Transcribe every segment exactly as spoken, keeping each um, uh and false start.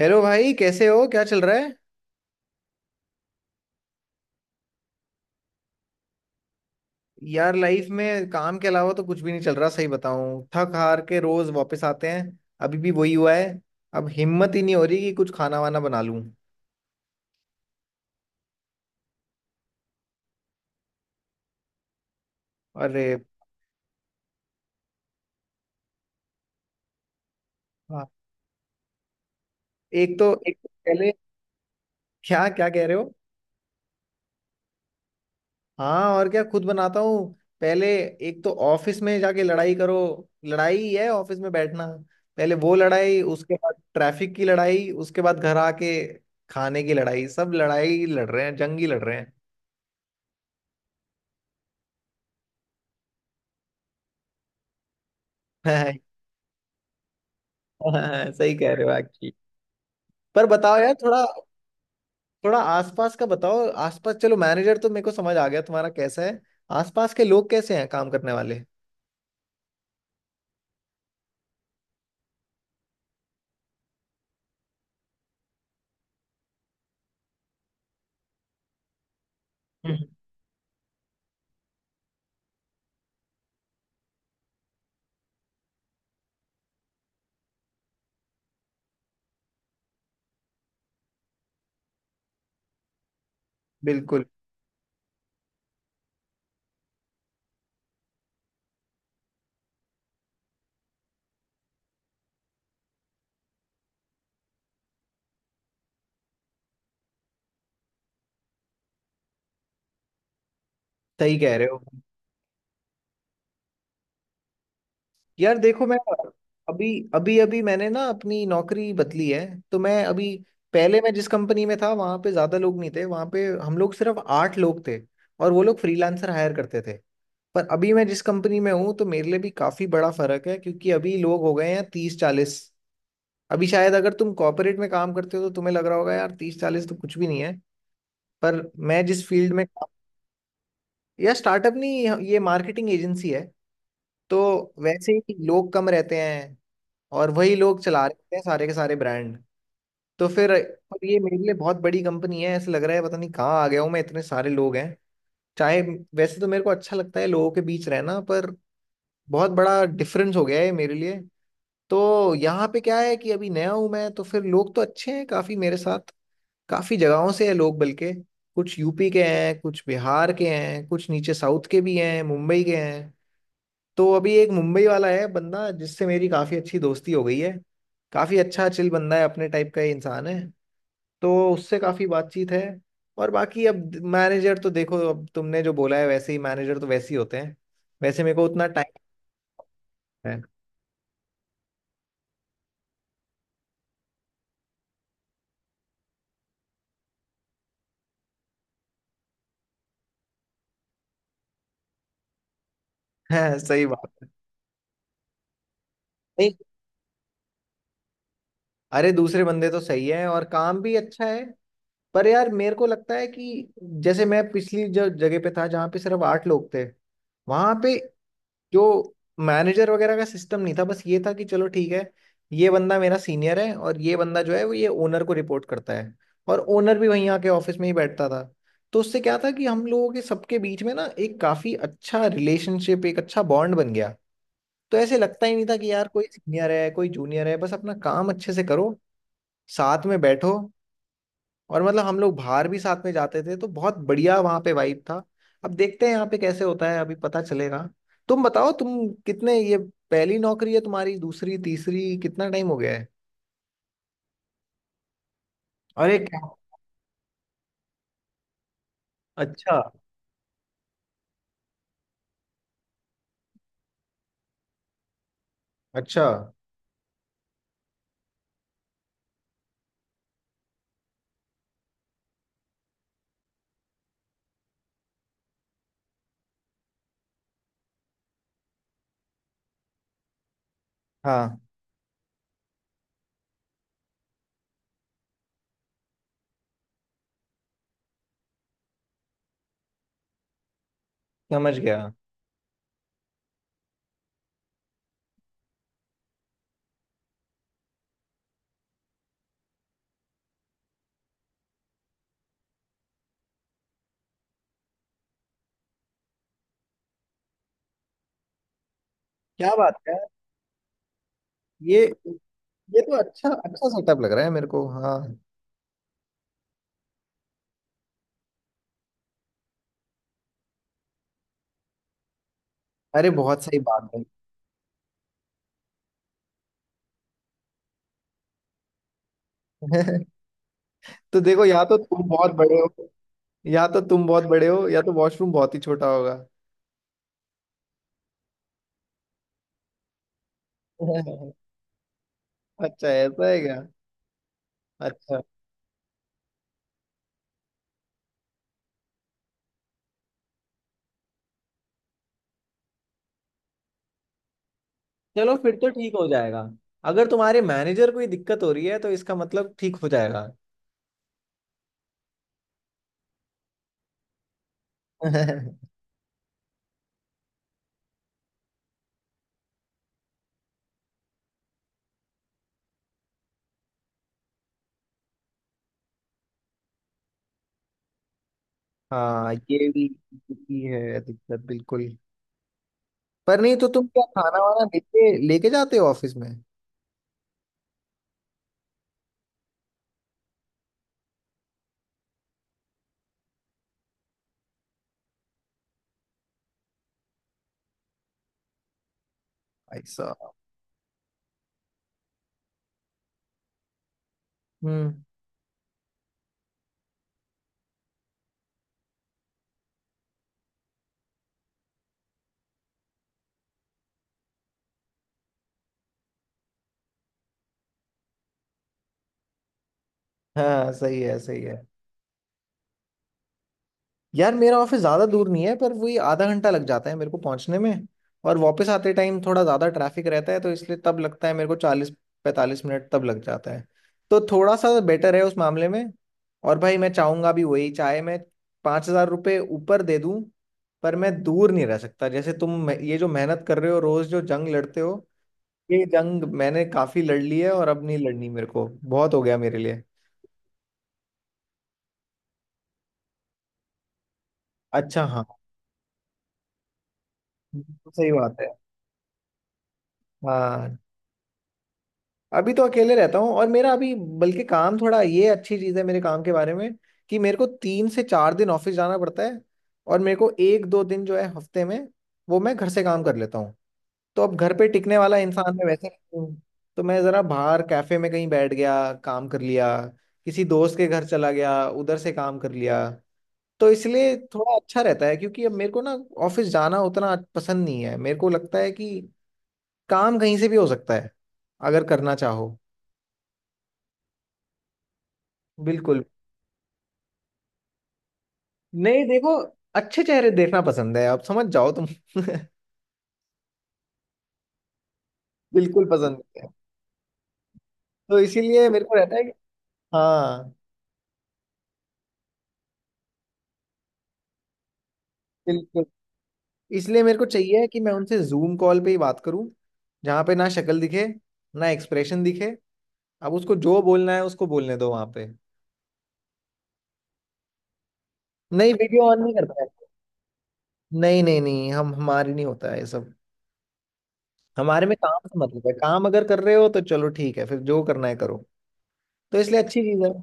Hello भाई, कैसे हो? क्या चल रहा है? यार, लाइफ में काम के अलावा तो कुछ भी नहीं चल रहा। सही बताऊं, थक हार के रोज वापस आते हैं। अभी भी वही हुआ है। अब हिम्मत ही नहीं हो रही कि कुछ खाना वाना बना लूं। अरे। हाँ। एक तो एक तो पहले। क्या क्या कह रहे हो? हाँ, और क्या, खुद बनाता हूँ। पहले, एक तो ऑफिस में जाके लड़ाई करो। लड़ाई ही है ऑफिस में बैठना। पहले वो लड़ाई, उसके बाद ट्रैफिक की लड़ाई, उसके बाद घर आके खाने की लड़ाई। सब लड़ाई लड़ रहे हैं, जंग ही लड़ रहे हैं। हाँ, सही कह रहे हो एक्चुअली। पर बताओ यार, थोड़ा थोड़ा आसपास का बताओ, आसपास। चलो, मैनेजर तो मेरे को समझ आ गया तुम्हारा, कैसा है आसपास के लोग, कैसे हैं काम करने वाले? हम्म। बिल्कुल। सही कह रहे हो। यार देखो, मैं अभी, अभी अभी मैंने ना अपनी नौकरी बदली है। तो मैं अभी, पहले मैं जिस कंपनी में था वहां पे ज्यादा लोग नहीं थे, वहां पे हम लोग सिर्फ आठ लोग थे। और वो लोग फ्रीलांसर हायर करते थे। पर अभी मैं जिस कंपनी में हूँ, तो मेरे लिए भी काफी बड़ा फर्क है, क्योंकि अभी लोग हो गए हैं तीस चालीस। अभी शायद अगर तुम कॉर्पोरेट में काम करते हो तो तुम्हें लग रहा होगा यार तीस चालीस तो कुछ भी नहीं है। पर मैं जिस फील्ड में काम, या स्टार्टअप नहीं, ये मार्केटिंग एजेंसी है। तो वैसे ही लोग कम रहते हैं, और वही लोग चला रहे हैं सारे के सारे ब्रांड। तो फिर, और ये मेरे लिए बहुत बड़ी कंपनी है, ऐसे लग रहा है पता नहीं कहाँ आ गया हूँ मैं, इतने सारे लोग हैं। चाहे, वैसे तो मेरे को अच्छा लगता है लोगों के बीच रहना, पर बहुत बड़ा डिफरेंस हो गया है मेरे लिए। तो यहाँ पे क्या है कि अभी नया हूँ मैं, तो फिर लोग तो अच्छे हैं काफी मेरे साथ, काफी जगहों से है लोग बल्कि। कुछ यूपी के हैं, कुछ बिहार के हैं, कुछ नीचे साउथ के भी हैं, मुंबई के हैं। तो अभी एक मुंबई वाला है बंदा जिससे मेरी काफी अच्छी दोस्ती हो गई है। काफी अच्छा चिल बंदा है, अपने टाइप का ही इंसान है। तो उससे काफी बातचीत है। और बाकी अब मैनेजर तो देखो, अब तुमने जो बोला है वैसे ही, मैनेजर तो वैसे ही होते हैं। वैसे मेरे को उतना टाइम है। सही बात है। नहीं। अरे, दूसरे बंदे तो सही है और काम भी अच्छा है। पर यार, मेरे को लगता है कि जैसे मैं पिछली जो जगह पे था, जहाँ पे सिर्फ आठ लोग थे, वहां पे जो मैनेजर वगैरह का सिस्टम नहीं था, बस ये था कि चलो ठीक है, ये बंदा मेरा सीनियर है और ये बंदा जो है वो ये ओनर को रिपोर्ट करता है, और ओनर भी वहीं आके ऑफिस में ही बैठता था। तो उससे क्या था कि हम लोगों के सबके बीच में ना एक काफी अच्छा रिलेशनशिप, एक अच्छा बॉन्ड बन गया। तो ऐसे लगता ही नहीं था कि यार कोई सीनियर है कोई जूनियर है, बस अपना काम अच्छे से करो, साथ में बैठो। और मतलब हम लोग बाहर भी साथ में जाते थे, तो बहुत बढ़िया वहां पे वाइब था। अब देखते हैं यहाँ पे कैसे होता है, अभी पता चलेगा। तुम बताओ, तुम कितने ये, पहली नौकरी है तुम्हारी, दूसरी, तीसरी, कितना टाइम हो गया है? अरे क्या! अच्छा। अच्छा। हाँ, समझ गया। क्या बात है! ये ये तो अच्छा अच्छा सेटअप लग रहा है मेरे को, हाँ। अरे बहुत सही बात है। तो देखो, या तो तुम बहुत बड़े हो या तो तुम बहुत बड़े हो, या तो वॉशरूम बहुत ही छोटा होगा। अच्छा ऐसा है क्या? अच्छा। चलो फिर तो ठीक हो जाएगा। अगर तुम्हारे मैनेजर को ही दिक्कत हो रही है, तो इसका मतलब ठीक हो जाएगा। हाँ, ये भी, भी है दिक्कत, बिल्कुल। पर नहीं, तो तुम क्या खाना वाना लेके लेके जाते हो ऑफिस में? भाई साहब। हम्म। हाँ, सही है, सही है। यार, मेरा ऑफिस ज्यादा दूर नहीं है, पर वही आधा घंटा लग जाता है मेरे को पहुंचने में। और वापस आते टाइम थोड़ा ज्यादा ट्रैफिक रहता है, तो इसलिए तब लगता है मेरे को, चालीस पैंतालीस मिनट तब लग जाता है। तो थोड़ा सा बेटर है उस मामले में। और भाई, मैं चाहूंगा भी वही, चाहे मैं पाँच हज़ार रुपये ऊपर दे दूं, पर मैं दूर नहीं रह सकता। जैसे तुम मे- ये जो मेहनत कर रहे हो, रोज जो जंग लड़ते हो, ये जंग मैंने काफी लड़ ली है और अब नहीं लड़नी मेरे को, बहुत हो गया मेरे लिए। अच्छा हाँ। सही बात है। हाँ। अभी तो अकेले रहता हूँ, और मेरा अभी बल्कि काम थोड़ा, ये अच्छी चीज़ है मेरे काम के बारे में, कि मेरे को तीन से चार दिन ऑफिस जाना पड़ता है, और मेरे को एक दो दिन जो है हफ्ते में, वो मैं घर से काम कर लेता हूँ। तो अब घर पे टिकने वाला इंसान मैं वैसे नहीं हूँ। तो मैं ज़रा बाहर कैफे में कहीं बैठ गया काम कर लिया, किसी दोस्त के घर चला गया उधर से काम कर लिया। तो इसलिए थोड़ा अच्छा रहता है, क्योंकि अब मेरे को ना ऑफिस जाना उतना पसंद नहीं है। मेरे को लगता है कि काम कहीं से भी हो सकता है अगर करना चाहो। बिल्कुल। नहीं देखो, अच्छे चेहरे देखना पसंद है, आप समझ जाओ तुम। बिल्कुल पसंद नहीं है। तो इसीलिए मेरे को रहता है कि, हाँ, बिल्कुल, इसलिए मेरे को चाहिए कि मैं उनसे जूम कॉल पे ही बात करूं, जहाँ पे ना शक्ल दिखे, ना एक्सप्रेशन दिखे। अब उसको जो बोलना है उसको बोलने दो वहां पे। नहीं, वीडियो ऑन नहीं करता है। नहीं नहीं नहीं, हम हमारे नहीं होता है ये सब। हमारे में काम से मतलब है, काम अगर कर रहे हो तो चलो ठीक है फिर, जो करना है करो। तो इसलिए अच्छी चीज है।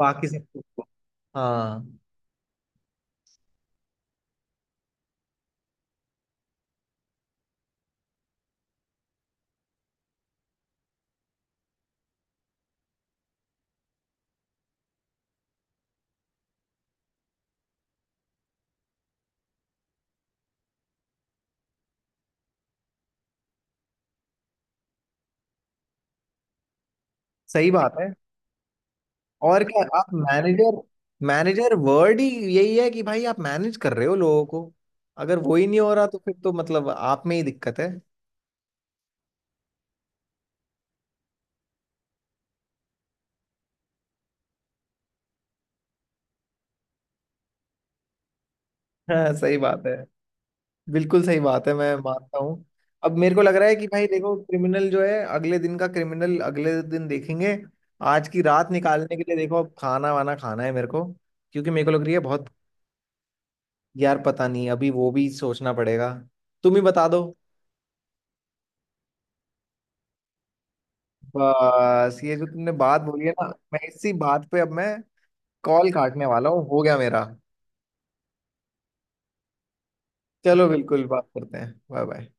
बाकी सब कुछ- हाँ, सही बात है। और क्या, आप मैनेजर, मैनेजर वर्ड ही यही है कि भाई आप मैनेज कर रहे हो लोगों को। अगर वो ही नहीं हो रहा, तो फिर तो मतलब आप में ही दिक्कत है। हाँ, सही बात है। बिल्कुल सही बात है, मैं मानता हूँ। अब मेरे को लग रहा है कि भाई देखो, क्रिमिनल जो है अगले दिन का, क्रिमिनल अगले दिन देखेंगे। आज की रात निकालने के लिए देखो, अब खाना वाना खाना है मेरे को, क्योंकि मेरे को लग रही है बहुत। यार पता नहीं, अभी वो भी सोचना पड़ेगा, तुम ही बता दो। बस ये जो तुमने बात बोली है ना, मैं इसी बात पे अब मैं कॉल काटने वाला हूँ, हो गया मेरा। चलो बिल्कुल, बात करते हैं। Bye bye.